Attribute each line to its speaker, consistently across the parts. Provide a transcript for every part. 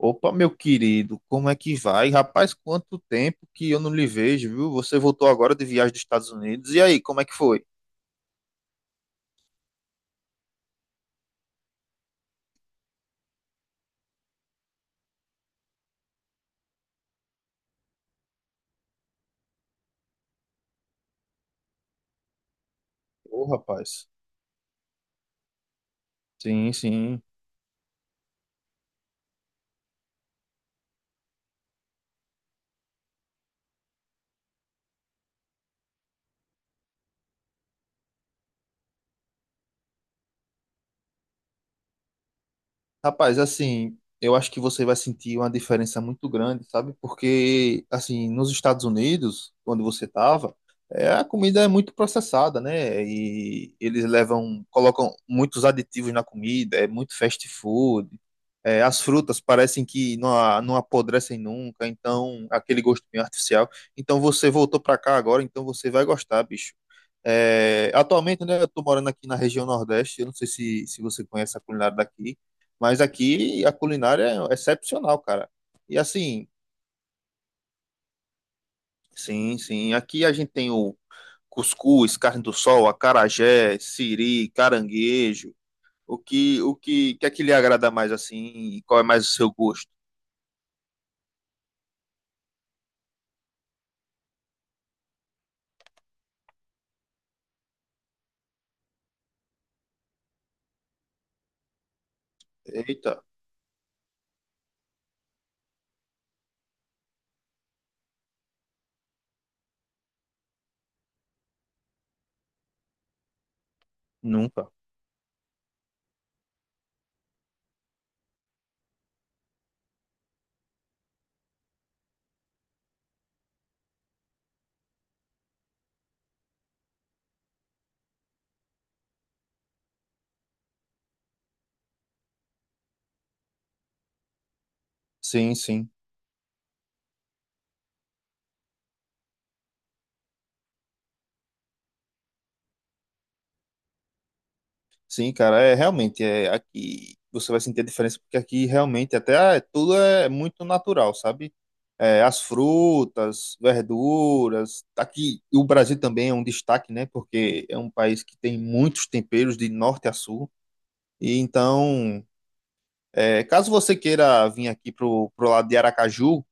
Speaker 1: Opa, meu querido, como é que vai? Rapaz, quanto tempo que eu não lhe vejo, viu? Você voltou agora de viagem dos Estados Unidos. E aí, como é que foi? Ô, rapaz. Sim, sim. Rapaz, assim, eu acho que você vai sentir uma diferença muito grande, sabe? Porque, assim, nos Estados Unidos, onde você estava, a comida é muito processada, né? E eles levam, colocam muitos aditivos na comida, é muito fast food. É, as frutas parecem que não, não apodrecem nunca, então, aquele gosto meio artificial. Então, você voltou para cá agora, então você vai gostar, bicho. É, atualmente, né, eu tô morando aqui na região Nordeste, eu não sei se, se você conhece a culinária daqui. Mas aqui a culinária é excepcional, cara. E assim, sim, sim. Aqui a gente tem o cuscuz, carne do sol, acarajé, siri, caranguejo. Que é que lhe agrada mais assim? E qual é mais o seu gosto? Eita, nunca. Sim, sim. Sim, cara, é realmente é aqui você vai sentir a diferença porque aqui realmente até é, tudo é muito natural, sabe? É, as frutas, verduras, aqui e o Brasil também é um destaque, né? Porque é um país que tem muitos temperos de norte a sul. E então, é, caso você queira vir aqui pro lado de Aracaju,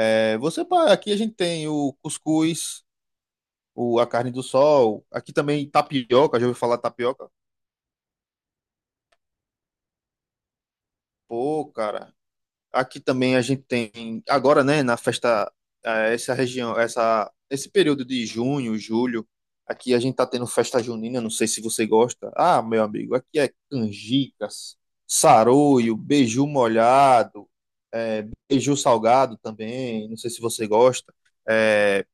Speaker 1: é, aqui a gente tem o cuscuz, o, a carne do sol, aqui também tapioca, já ouviu falar tapioca? Pô, cara, aqui também a gente tem, agora, né, na festa, essa região, essa, esse período de junho, julho, aqui a gente tá tendo festa junina, não sei se você gosta. Ah, meu amigo, aqui é canjicas, saroio, beiju molhado, beiju salgado também, não sei se você gosta. É,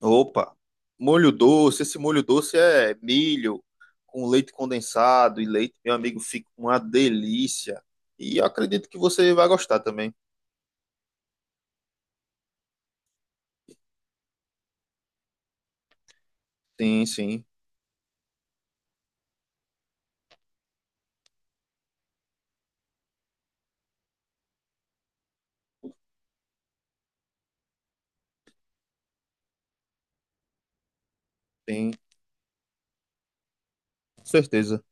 Speaker 1: opa, molho doce, esse molho doce é milho com leite condensado e leite, meu amigo, fica uma delícia. E eu acredito que você vai gostar também. Sim, sim. Sim, com certeza.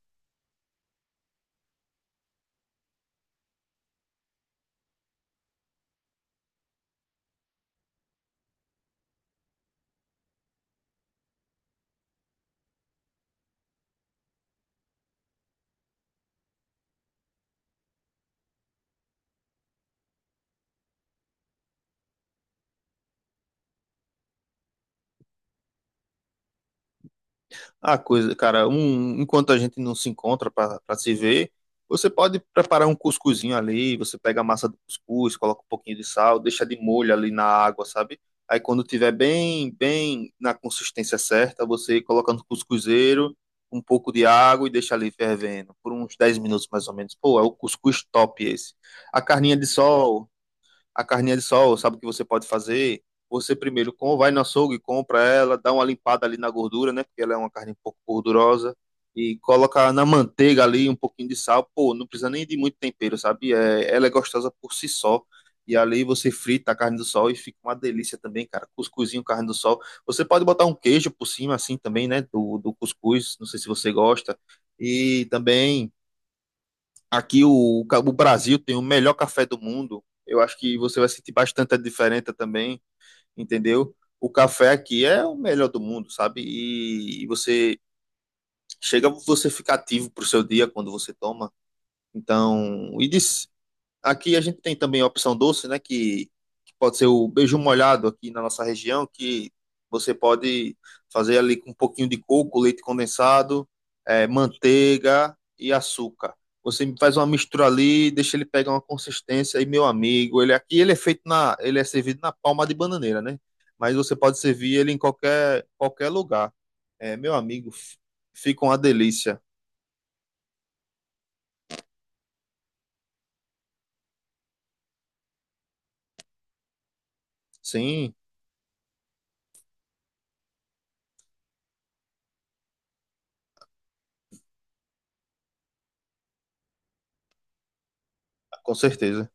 Speaker 1: A coisa, cara, um, enquanto a gente não se encontra para se ver, você pode preparar um cuscuzinho ali, você pega a massa do cuscuz, coloca um pouquinho de sal, deixa de molho ali na água, sabe? Aí quando tiver bem na consistência certa, você coloca no cuscuzeiro um pouco de água e deixa ali fervendo por uns 10 minutos mais ou menos. Pô, é o cuscuz top esse. A carninha de sol a carninha de sol, sabe o que você pode fazer? Você primeiro com, vai no açougue, compra ela, dá uma limpada ali na gordura, né? Porque ela é uma carne um pouco gordurosa. E coloca na manteiga ali um pouquinho de sal. Pô, não precisa nem de muito tempero, sabe? É, ela é gostosa por si só. E ali você frita a carne do sol e fica uma delícia também, cara. Cuscuzinho, carne do sol. Você pode botar um queijo por cima, assim também, né? Do cuscuz. Não sei se você gosta. E também aqui o Brasil tem o melhor café do mundo. Eu acho que você vai sentir bastante a diferença também, entendeu? O café aqui é o melhor do mundo, sabe? E você chega, você fica ativo pro seu dia quando você toma. Então, e diz, aqui a gente tem também a opção doce, né? Que pode ser o beijo molhado aqui na nossa região, que você pode fazer ali com um pouquinho de coco, leite condensado, manteiga e açúcar. Você faz uma mistura ali, deixa ele pegar uma consistência e meu amigo, ele aqui ele é feito na, ele é servido na palma de bananeira, né? Mas você pode servir ele em qualquer lugar. É, meu amigo, fica uma delícia. Sim, com certeza.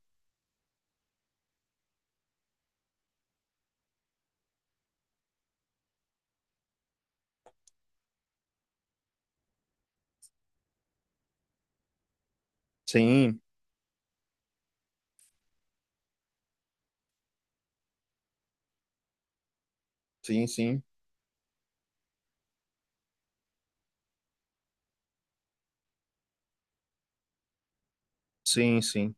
Speaker 1: Sim, sim, sim, sim, sim.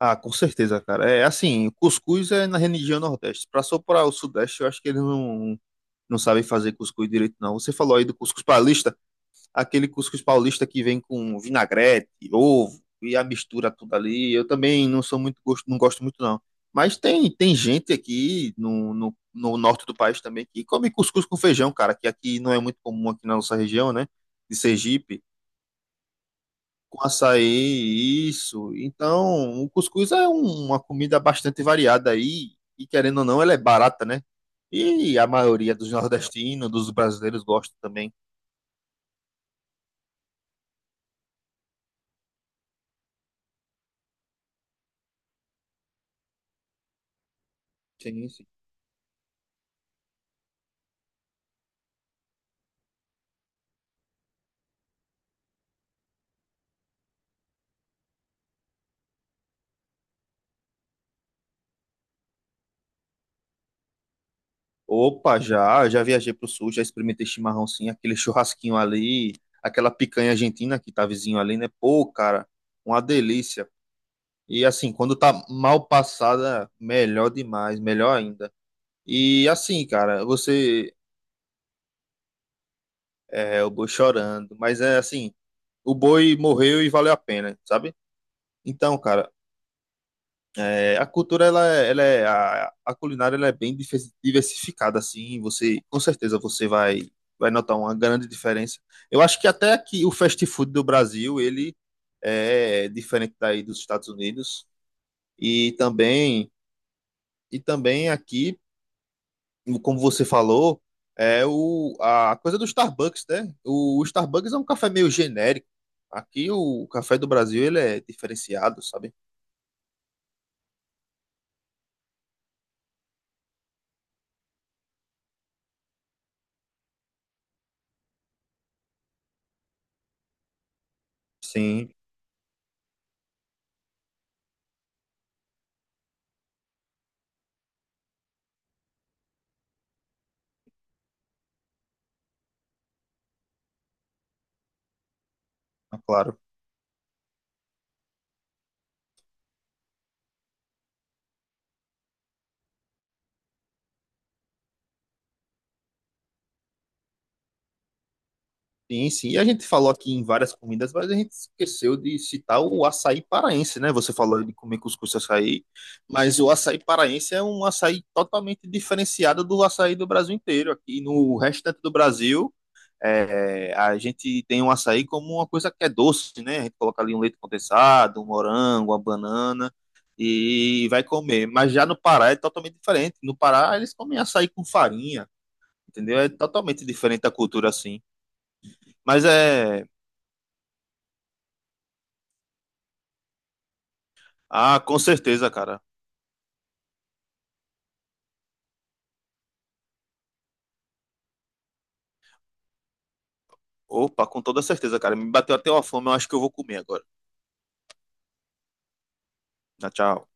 Speaker 1: Ah, com certeza, cara. É assim, o cuscuz é na região Nordeste. Pra só para o Sudeste, eu acho que eles não, não sabem fazer cuscuz direito, não. Você falou aí do cuscuz paulista, aquele cuscuz paulista que vem com vinagrete, ovo e a mistura tudo ali. Eu também não sou muito gosto, não gosto muito, não. Mas tem gente aqui no norte do país também que come cuscuz com feijão, cara, que aqui não é muito comum aqui na nossa região, né? De Sergipe com açaí, isso. Então, o cuscuz é um- uma comida bastante variada aí, e querendo ou não, ela é barata, né? E a maioria dos nordestinos, dos brasileiros gosta também. Sim, sim. Opa, já, já viajei pro sul, já experimentei chimarrão sim, aquele churrasquinho ali, aquela picanha argentina que tá vizinho ali, né? Pô, cara, uma delícia. E assim, quando tá mal passada, melhor demais, melhor ainda. E assim, cara, você É, o boi chorando. Mas é assim, o boi morreu e valeu a pena, sabe? Então, cara, é, a cultura, ela é, a culinária, ela é bem diversificada, assim, com certeza, vai notar uma grande diferença. Eu acho que até aqui o fast food do Brasil, ele é diferente daí dos Estados Unidos, e também, e também aqui como você falou, é a coisa do Starbucks, né? O Starbucks é um café meio genérico. Aqui o café do Brasil ele é diferenciado, sabe? Sim. Ah, claro. Sim, sim. E a gente falou aqui em várias comidas, mas a gente esqueceu de citar o açaí paraense, né? Você falou de comer cuscuz e açaí, mas o açaí paraense é um açaí totalmente diferenciado do açaí do Brasil inteiro. Aqui no restante do Brasil, é, a gente tem o açaí como uma coisa que é doce, né? A gente coloca ali um leite condensado, um morango, uma banana e vai comer. Mas já no Pará é totalmente diferente. No Pará eles comem açaí com farinha, entendeu? É totalmente diferente a cultura assim. Mas é. Ah, com certeza, cara. Opa, com toda certeza, cara. Me bateu até uma fome, eu acho que eu vou comer agora. Tchau, tchau.